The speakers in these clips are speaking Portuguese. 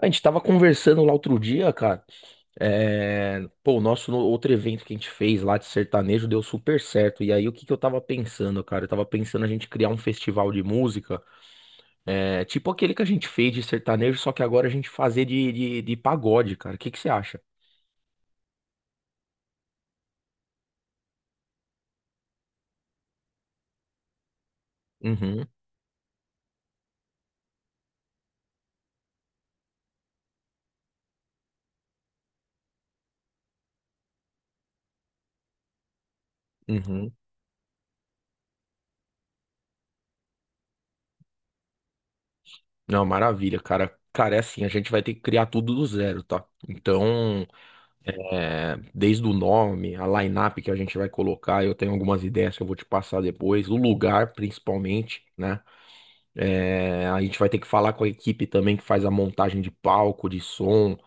A gente tava conversando lá outro dia, cara. Pô, o nosso outro evento que a gente fez lá de sertanejo deu super certo. E aí, o que que eu tava pensando, cara? Eu tava pensando a gente criar um festival de música, tipo aquele que a gente fez de sertanejo, só que agora a gente fazer de pagode, cara. O que que você acha? Uhum, uhum. Não, maravilha, cara. Cara, é assim, a gente vai ter que criar tudo do zero, tá? Então. É, desde o nome, a line-up que a gente vai colocar, eu tenho algumas ideias que eu vou te passar depois, o lugar principalmente, né? É, a gente vai ter que falar com a equipe também que faz a montagem de palco, de som,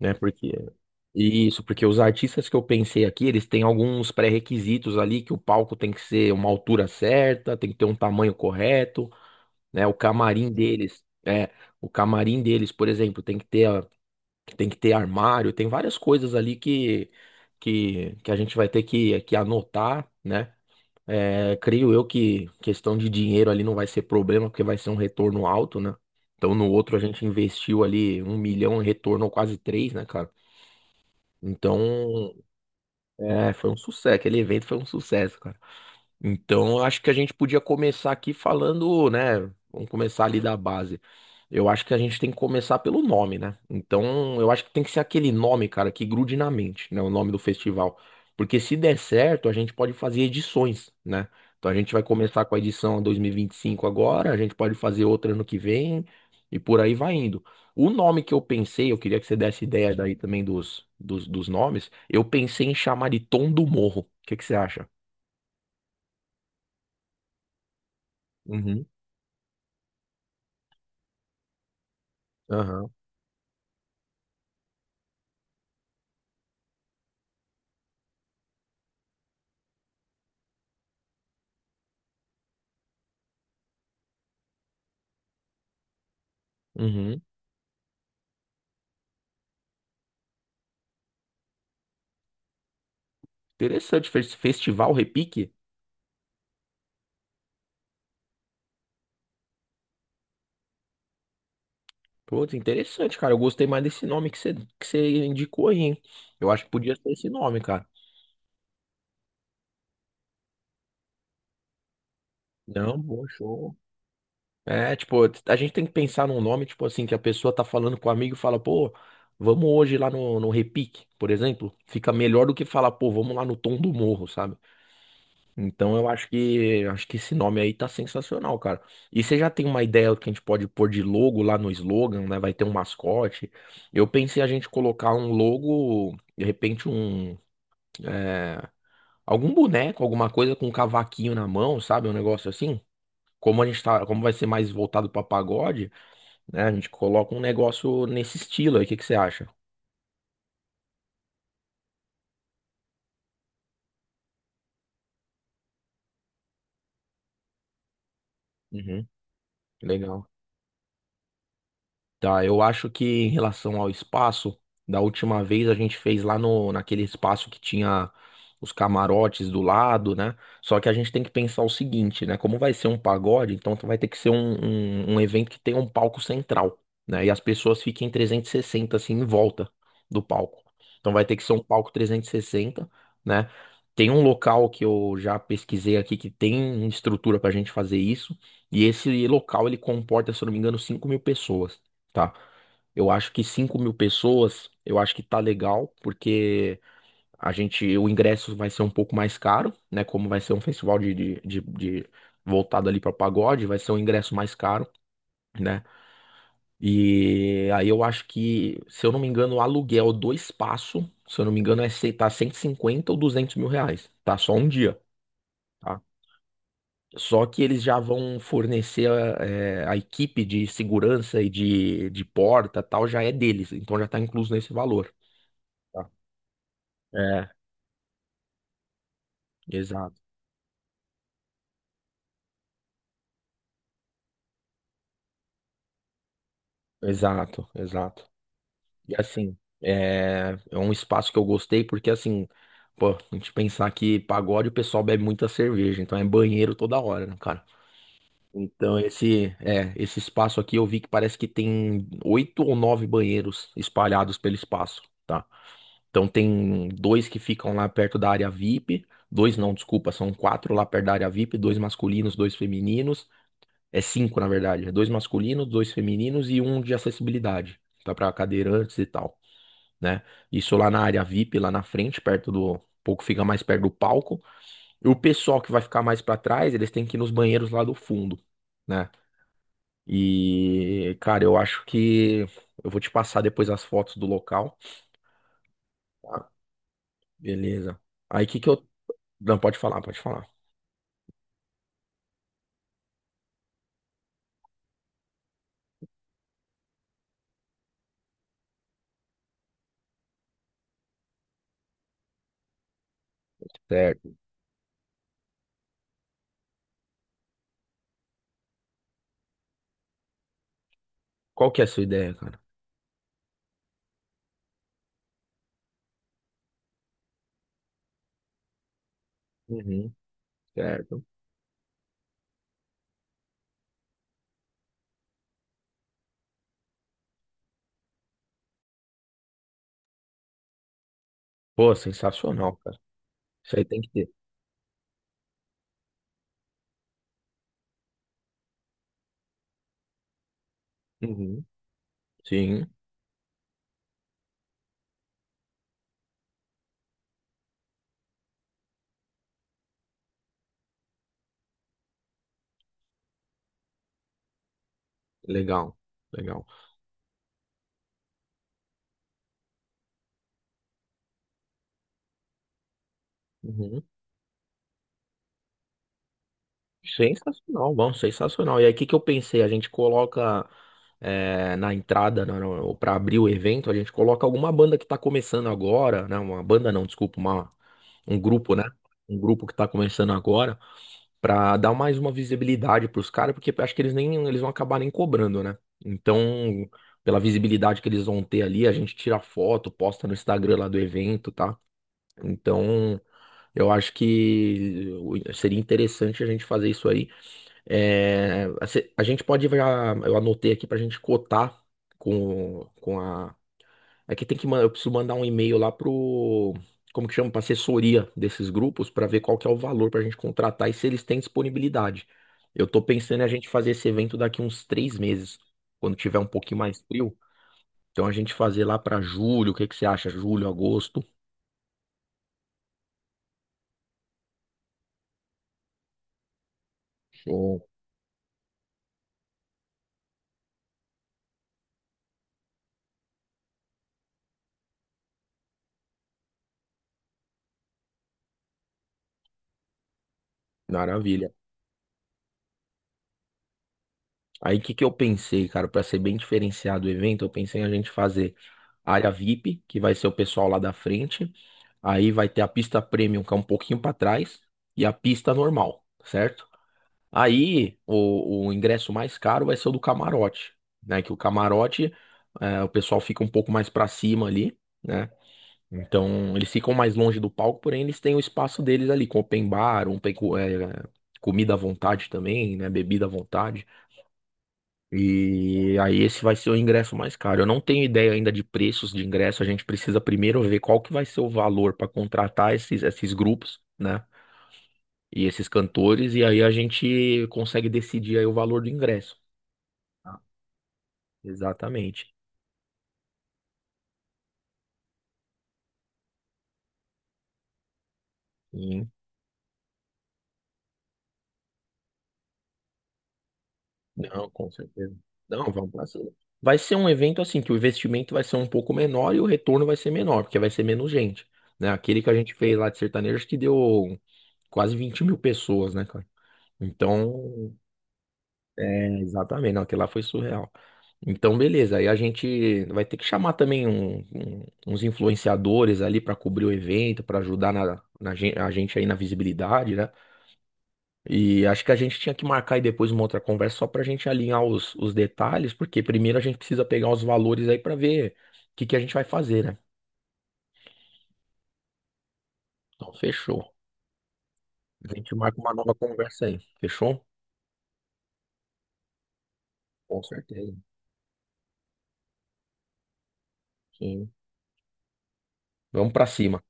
né? Porque isso, porque os artistas que eu pensei aqui, eles têm alguns pré-requisitos ali que o palco tem que ser uma altura certa, tem que ter um tamanho correto, né? O camarim deles, por exemplo, tem que ter armário, tem várias coisas ali que, que a gente vai ter que anotar, né? É, creio eu que questão de dinheiro ali não vai ser problema, porque vai ser um retorno alto, né? Então no outro a gente investiu ali 1 milhão e retornou quase três, né, cara? Então, é, foi um sucesso. Aquele evento foi um sucesso, cara. Então, eu acho que a gente podia começar aqui falando, né? Vamos começar ali da base. Eu acho que a gente tem que começar pelo nome, né? Então, eu acho que tem que ser aquele nome, cara, que grude na mente, né? O nome do festival. Porque se der certo, a gente pode fazer edições, né? Então, a gente vai começar com a edição 2025 agora, a gente pode fazer outra ano que vem e por aí vai indo. O nome que eu pensei, eu queria que você desse ideia daí também dos nomes, eu pensei em chamar de Tom do Morro. O que que você acha? Uhum. Aham. Uhum. Interessante, Festival Repique. Pô, interessante, cara. Eu gostei mais desse nome que você indicou aí, hein? Eu acho que podia ser esse nome, cara. Não, bom show. É, tipo, a gente tem que pensar num nome, tipo assim, que a pessoa tá falando com o amigo e fala, pô, vamos hoje lá no Repique, por exemplo. Fica melhor do que falar, pô, vamos lá no Tom do Morro, sabe? Então eu acho que esse nome aí tá sensacional, cara. E você já tem uma ideia do que a gente pode pôr de logo lá no slogan, né? Vai ter um mascote. Eu pensei a gente colocar um logo, de repente é, algum boneco, alguma coisa com um cavaquinho na mão, sabe? Um negócio assim. Como a gente tá, como vai ser mais voltado pra pagode, né? A gente coloca um negócio nesse estilo aí. O que que você acha? Uhum. Legal. Tá, eu acho que em relação ao espaço, da última vez a gente fez lá no, naquele espaço que tinha os camarotes do lado, né? Só que a gente tem que pensar o seguinte, né? Como vai ser um pagode, então vai ter que ser um evento que tenha um palco central, né? E as pessoas fiquem 360, assim, em volta do palco. Então vai ter que ser um palco 360, né? Tem um local que eu já pesquisei aqui que tem estrutura pra gente fazer isso. E esse local ele comporta, se eu não me engano, 5 mil pessoas tá? Eu acho que 5 mil pessoas, eu acho que tá legal, porque a gente, o ingresso vai ser um pouco mais caro, né? Como vai ser um festival voltado ali para pagode, vai ser um ingresso mais caro, né? E aí eu acho que, se eu não me engano, o aluguel do espaço, se eu não me engano, tá 150 ou 200 mil reais, tá? Só um dia. Tá. Só que eles já vão fornecer a equipe de segurança e de porta, tal, já é deles, então já está incluso nesse valor. Tá. É, exato, exato, exato. E assim, é, é um espaço que eu gostei porque assim, pô, a gente pensar que pagode o pessoal bebe muita cerveja, então é banheiro toda hora, né, cara? Então esse espaço aqui eu vi que parece que tem oito ou nove banheiros espalhados pelo espaço. Tá? Então tem dois que ficam lá perto da área VIP. Dois não, desculpa, são quatro lá perto da área VIP, dois masculinos, dois femininos. É cinco, na verdade. É dois masculinos, dois femininos e um de acessibilidade. Tá para cadeirantes e tal, né? Isso lá na área VIP, lá na frente, perto do. Um pouco fica mais perto do palco. E o pessoal que vai ficar mais para trás, eles têm que ir nos banheiros lá do fundo, né? E, cara, eu acho que eu vou te passar depois as fotos do local. Beleza. Aí que eu. Não, pode falar, pode falar. Certo. Qual que é a sua ideia, cara? Uhum, certo. Pô, sensacional, cara. Isso aí tem que ter. Uhum, sim, legal, legal. Uhum, sensacional, bom, sensacional. E aí, o que que eu pensei? A gente coloca é, na entrada, para abrir o evento, a gente coloca alguma banda que tá começando agora, né? Uma banda não, desculpa, um grupo, né? Um grupo que tá começando agora. Pra dar mais uma visibilidade pros caras, porque acho que eles nem eles vão acabar nem cobrando, né? Então, pela visibilidade que eles vão ter ali, a gente tira foto, posta no Instagram lá do evento, tá? Então, eu acho que seria interessante a gente fazer isso aí. É, a se- a gente pode, eu anotei aqui pra gente cotar com a é que tem que, eu preciso mandar um e-mail lá pro, como que chama, pra assessoria desses grupos pra ver qual que é o valor pra gente contratar e se eles têm disponibilidade. Eu tô pensando em a gente fazer esse evento daqui uns 3 meses, quando tiver um pouquinho mais frio. Então a gente fazer lá pra julho, o que que você acha? Julho, agosto? Show. Maravilha. Aí o que que eu pensei, cara, para ser bem diferenciado o evento, eu pensei em a gente fazer área VIP, que vai ser o pessoal lá da frente. Aí vai ter a pista premium, que é um pouquinho para trás, e a pista normal, certo? Aí o ingresso mais caro vai ser o do camarote, né? Que o camarote, é, o pessoal fica um pouco mais para cima ali, né? Então eles ficam mais longe do palco, porém eles têm o espaço deles ali, com open bar, comida à vontade também, né? Bebida à vontade. E aí esse vai ser o ingresso mais caro. Eu não tenho ideia ainda de preços de ingresso. A gente precisa primeiro ver qual que vai ser o valor para contratar esses grupos, né? E esses cantores. E aí a gente consegue decidir aí o valor do ingresso. Tá. Exatamente. Sim. Não, com certeza. Não, vamos pra cima. Vai ser um evento assim que o investimento vai ser um pouco menor e o retorno vai ser menor, porque vai ser menos gente, né? Aquele que a gente fez lá de sertanejo que deu quase 20 mil pessoas, né, cara? Então, é, exatamente, não, aquilo lá foi surreal. Então, beleza, aí a gente vai ter que chamar também uns influenciadores ali para cobrir o evento, para ajudar a gente aí na visibilidade, né? E acho que a gente tinha que marcar aí depois uma outra conversa só para a gente alinhar os detalhes, porque primeiro a gente precisa pegar os valores aí para ver o que que a gente vai fazer, né? Então, fechou. A gente marca uma nova conversa aí, fechou? Com certeza. Sim. Vamos para cima.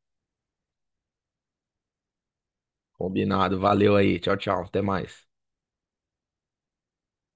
Combinado, valeu aí, tchau, tchau, até mais.